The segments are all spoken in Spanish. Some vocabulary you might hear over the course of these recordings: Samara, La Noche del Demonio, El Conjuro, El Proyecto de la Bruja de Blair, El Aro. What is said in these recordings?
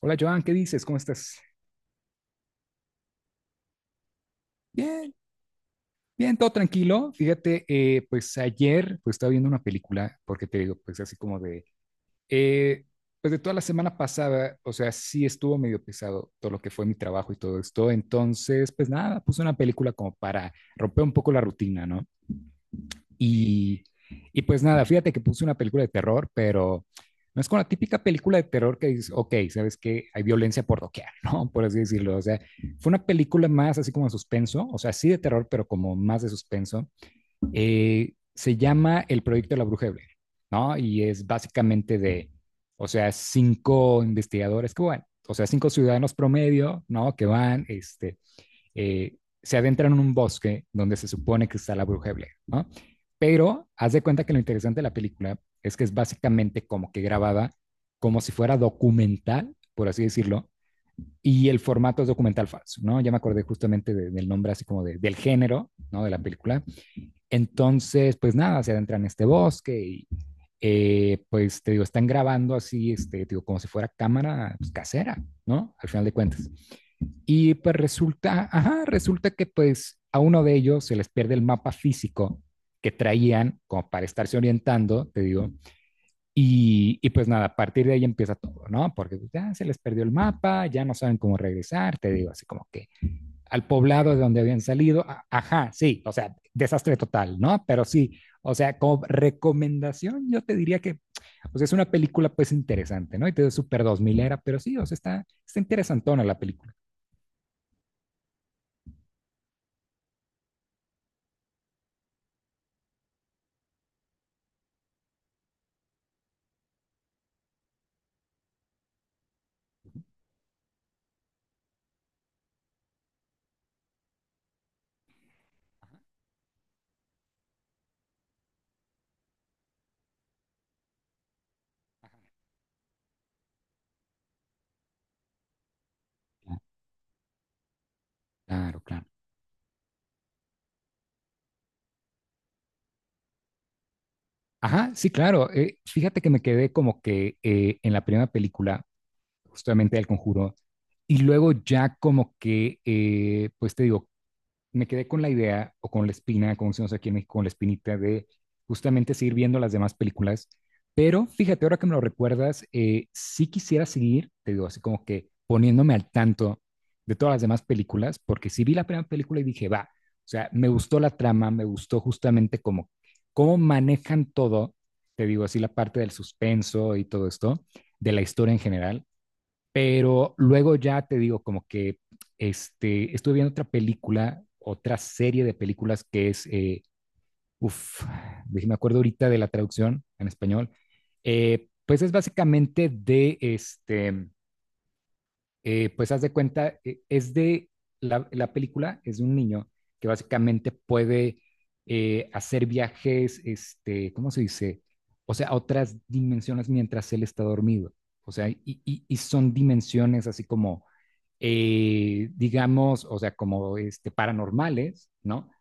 Hola Joan, ¿qué dices? ¿Cómo estás? Bien, bien, todo tranquilo. Fíjate, pues ayer pues estaba viendo una película, porque te digo, pues así como eh, pues de toda la semana pasada, o sea, sí estuvo medio pesado todo lo que fue mi trabajo y todo esto. Entonces, pues nada, puse una película como para romper un poco la rutina, ¿no? Y, y pues nada, fíjate que puse una película de terror, pero no es con la típica película de terror que dices, ok, sabes que hay violencia por doquier, ¿no? Por así decirlo. O sea, fue una película más así como de suspenso, o sea, sí de terror, pero como más de suspenso. Se llama El Proyecto de la Bruja de Blair, ¿no? Y es básicamente de, o sea, cinco investigadores que van, o sea, cinco ciudadanos promedio, ¿no? Que van, este, eh, se adentran en un bosque donde se supone que está la bruja de Blair, ¿no? Pero haz de cuenta que lo interesante de la película es que es básicamente como que grabada como si fuera documental, por así decirlo, y el formato es documental falso, ¿no? Ya me acordé justamente del nombre así como del género, ¿no? De la película. Entonces, pues nada, se adentran en este bosque y pues te digo, están grabando así, este, te digo, como si fuera cámara pues, casera, ¿no? Al final de cuentas. Y pues resulta, ajá, resulta que pues a uno de ellos se les pierde el mapa físico que traían como para estarse orientando, te digo. Y pues nada, a partir de ahí empieza todo, ¿no? Porque pues, ya se les perdió el mapa, ya no saben cómo regresar, te digo, así como que al poblado de donde habían salido, ajá, sí, o sea, desastre total, ¿no? Pero sí, o sea, como recomendación, yo te diría que, o sea, es una película pues interesante, ¿no? Y te digo, súper dos milera, pero sí, o sea, está interesantona la película. Claro, claro. Ajá, sí, claro. Fíjate que me quedé como que en la primera película, justamente del Conjuro, y luego ya como que, pues te digo, me quedé con la idea o con la espina, como decimos aquí en México, con la espinita de justamente seguir viendo las demás películas. Pero fíjate, ahora que me lo recuerdas, sí quisiera seguir, te digo, así como que poniéndome al tanto de todas las demás películas, porque sí vi la primera película y dije, va, o sea, me gustó la trama, me gustó justamente cómo manejan todo, te digo así, la parte del suspenso y todo esto, de la historia en general. Pero luego ya te digo, como que este, estuve viendo otra película, otra serie de películas que es, uff, me acuerdo ahorita de la traducción en español, pues es básicamente de, este, pues haz de cuenta, es de, la película es de un niño que básicamente puede hacer viajes, este, ¿cómo se dice? O sea, a otras dimensiones mientras él está dormido. O sea, y son dimensiones así como digamos, o sea, como este, paranormales, ¿no?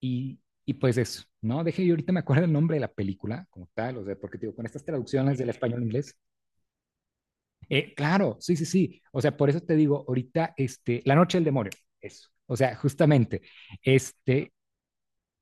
Y, y pues eso, ¿no? Deje, yo ahorita me acuerdo el nombre de la película como tal, o sea, porque digo, con estas traducciones del español al inglés, claro, sí, sí, sí, o sea, por eso te digo, ahorita, este, La Noche del Demonio, eso, o sea, justamente, este,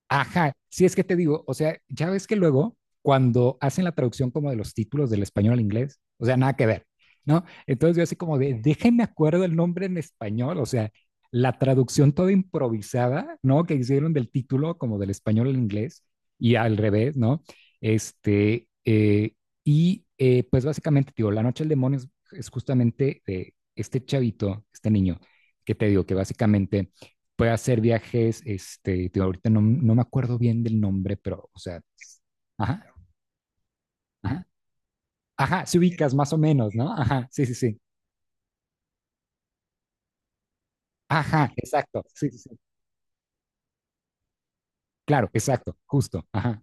ajá, si es que te digo, o sea, ya ves que luego cuando hacen la traducción como de los títulos del español al inglés, o sea, nada que ver, ¿no? Entonces yo así como de, déjenme acuerdo el nombre en español, o sea, la traducción toda improvisada, ¿no? Que hicieron del título como del español al inglés y al revés, ¿no? Este, y pues básicamente, digo, La Noche del Demonio es justamente de este chavito, este niño, que te digo que básicamente puede hacer viajes, este, digo, ahorita no, no me acuerdo bien del nombre, pero, o sea, ajá, ajá, ajá, se ubicas más o menos, ¿no? Ajá, sí, sí, sí, ajá, exacto, sí, sí, sí, claro, exacto, justo, ajá,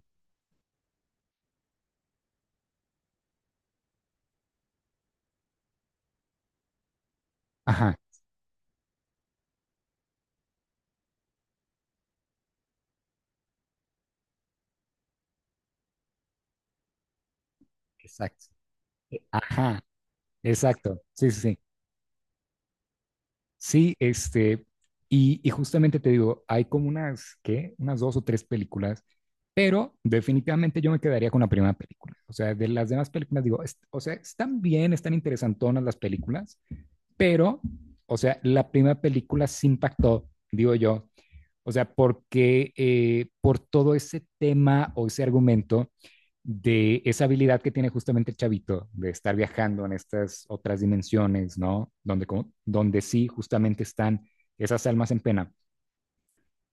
ajá, exacto, ajá, exacto, sí, sí, sí, sí, este, y justamente te digo, hay como unas, ¿qué? Unas dos o tres películas, pero definitivamente yo me quedaría con la primera película, o sea, de las demás películas digo, o sea, están bien, están interesantonas las películas, pero, o sea, la primera película se impactó, digo yo, o sea, porque por todo ese tema o ese argumento de esa habilidad que tiene justamente el chavito de estar viajando en estas otras dimensiones, ¿no? Donde sí justamente están esas almas en pena,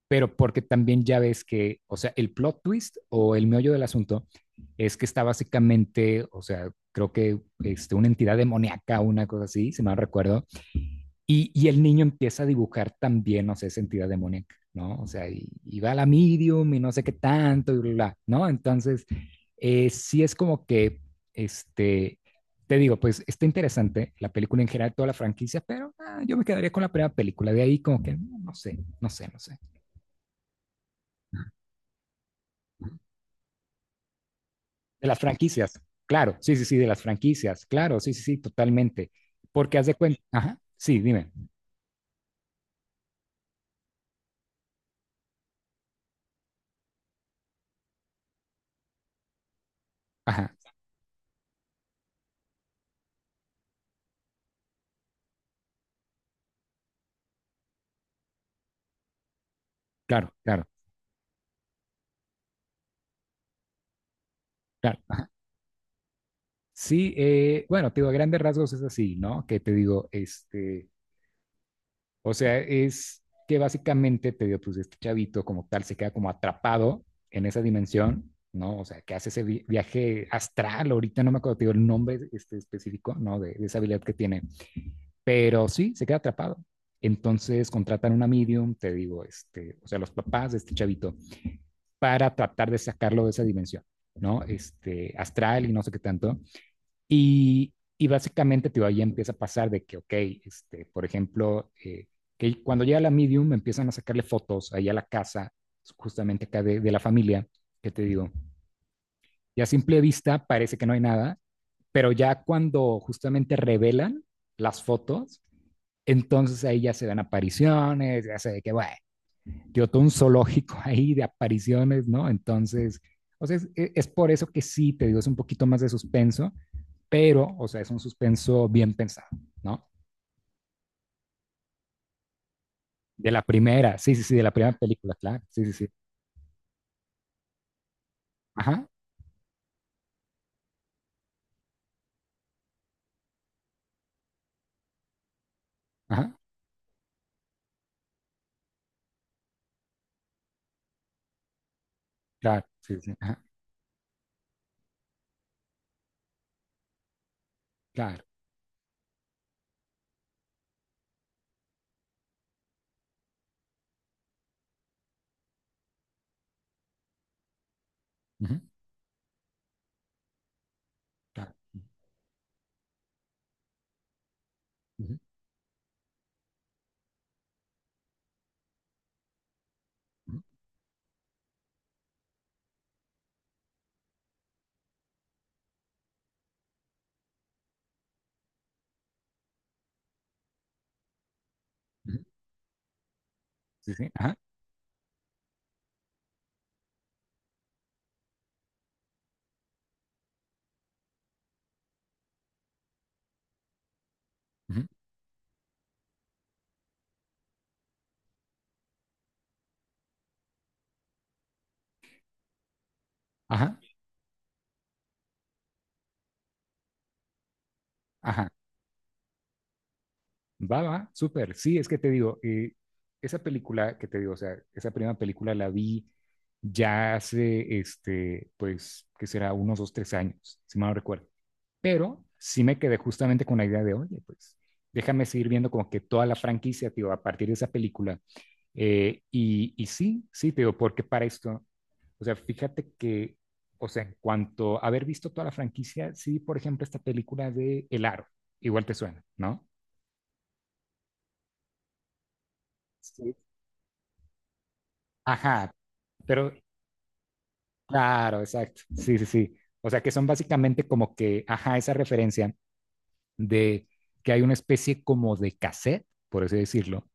pero porque también ya ves que, o sea, el plot twist o el meollo del asunto es que está básicamente, o sea, creo que este, una entidad demoníaca, una cosa así, si mal no recuerdo, y el niño empieza a dibujar también, no sé, esa entidad demoníaca, ¿no? O sea, y va a la medium y no sé qué tanto y bla, bla, ¿no? Entonces, sí es como que, este, te digo, pues está interesante la película en general, toda la franquicia, pero ah, yo me quedaría con la primera película, de ahí como que, no, no sé, no sé, no sé. De las franquicias, claro, sí, sí, sí, de las franquicias, claro, sí, sí, sí, totalmente. Porque haz de cuenta, ajá, sí, dime, ajá, claro, claro, claro, ajá. Sí, bueno, te digo, a grandes rasgos es así, ¿no? Que te digo, este, o sea, es que básicamente te digo, pues este chavito como tal se queda como atrapado en esa dimensión, ¿no? O sea, que hace ese viaje astral, ahorita no me acuerdo, te digo el nombre este, específico, ¿no? De esa habilidad que tiene, pero sí, se queda atrapado. Entonces contratan una medium, te digo, este, o sea, los papás de este chavito, para tratar de sacarlo de esa dimensión, ¿no? Este, astral y no sé qué tanto. Y básicamente, tío, ahí empieza a pasar de que, ok, este, por ejemplo, que cuando llega la medium empiezan a sacarle fotos ahí a la casa, justamente acá de la familia, que te digo, ya a simple vista parece que no hay nada, pero ya cuando justamente revelan las fotos, entonces ahí ya se dan apariciones, ya se ve que, bueno, tío, todo un zoológico ahí de apariciones, ¿no? Entonces, o sea, es por eso que sí, te digo, es un poquito más de suspenso, pero, o sea, es un suspenso bien pensado, ¿no? De la primera, sí, sí, sí, de la primera película, claro, sí, sí, sí, ajá, ajá, claro, sí, sí, sí, ajá, claro, ujú, claro, ujú, ujú, ujú, sí, sí, ajá, ujú, ajá, ajá, va, va, súper, sí, es que te digo, esa película que te digo, o sea, esa primera película la vi ya hace, este, pues, que será unos 2, 3 años, si mal no recuerdo. Pero sí me quedé justamente con la idea de, oye, pues déjame seguir viendo como que toda la franquicia, tío, a partir de esa película. Y sí, sí, tío, porque para esto, o sea, fíjate que, o sea, en cuanto a haber visto toda la franquicia, sí, por ejemplo, esta película de El Aro, igual te suena, ¿no? Sí. Ajá, pero claro, exacto, sí, sí, sí. O sea, que son básicamente como que, ajá, esa referencia de que hay una especie como de cassette, por así decirlo,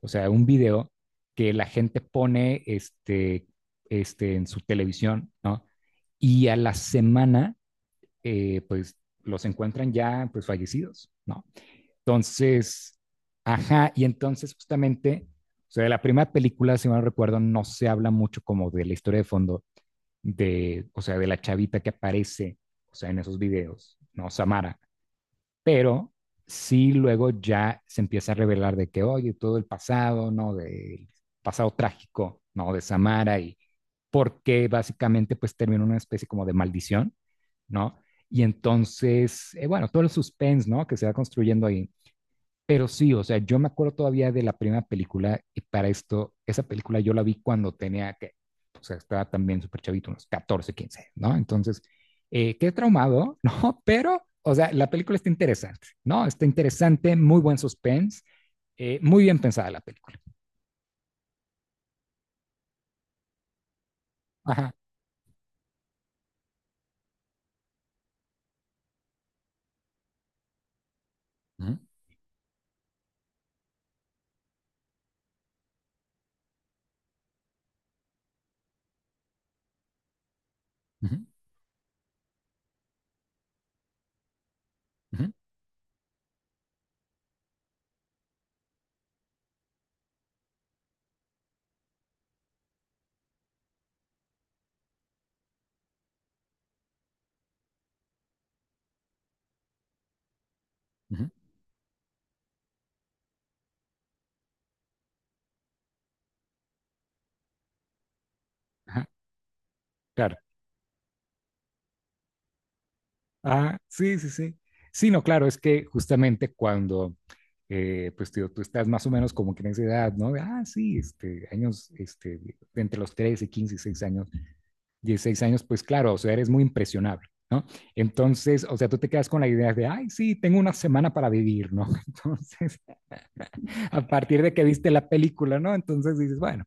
o sea, un video que la gente pone este, en su televisión, ¿no? Y a la semana, pues los encuentran ya pues fallecidos, ¿no? Entonces, ajá, y entonces justamente, o sea, de la primera película, si mal no recuerdo, no se habla mucho como de la historia de fondo de, o sea, de la chavita que aparece, o sea, en esos videos, ¿no? Samara, pero sí luego ya se empieza a revelar de que, oye, todo el pasado, ¿no? Del pasado trágico, ¿no? De Samara y porque básicamente pues termina una especie como de maldición, ¿no? Y entonces, bueno, todo el suspense, ¿no? Que se va construyendo ahí. Pero sí, o sea, yo me acuerdo todavía de la primera película y para esto, esa película yo la vi cuando tenía que, o sea, estaba también súper chavito, unos 14, 15, ¿no? Entonces, qué traumado, ¿no? Pero, o sea, la película está interesante, ¿no? Está interesante, muy buen suspense, muy bien pensada la película. Ajá. Ujú, ujú, ujú, ujú. Ajá, claro. Ah, sí, sí, sí. Sí, no, claro, es que justamente cuando, pues, tío, tú estás más o menos como que en esa edad, ¿no? De, ah, sí, este, años, este, de entre los 13, 15, 6 años, 16 años, pues claro, o sea, eres muy impresionable, ¿no? Entonces, o sea, tú te quedas con la idea de, ay, sí, tengo una semana para vivir, ¿no? Entonces, a partir de que viste la película, ¿no? Entonces dices, bueno,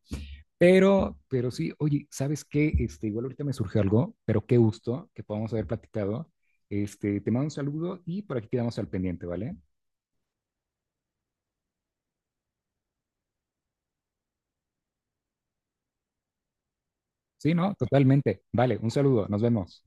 pero sí, oye, ¿sabes qué? Este, igual ahorita me surge algo, pero qué gusto que podamos haber platicado. Este, te mando un saludo y por aquí quedamos al pendiente, ¿vale? Sí, no, totalmente. Vale, un saludo, nos vemos.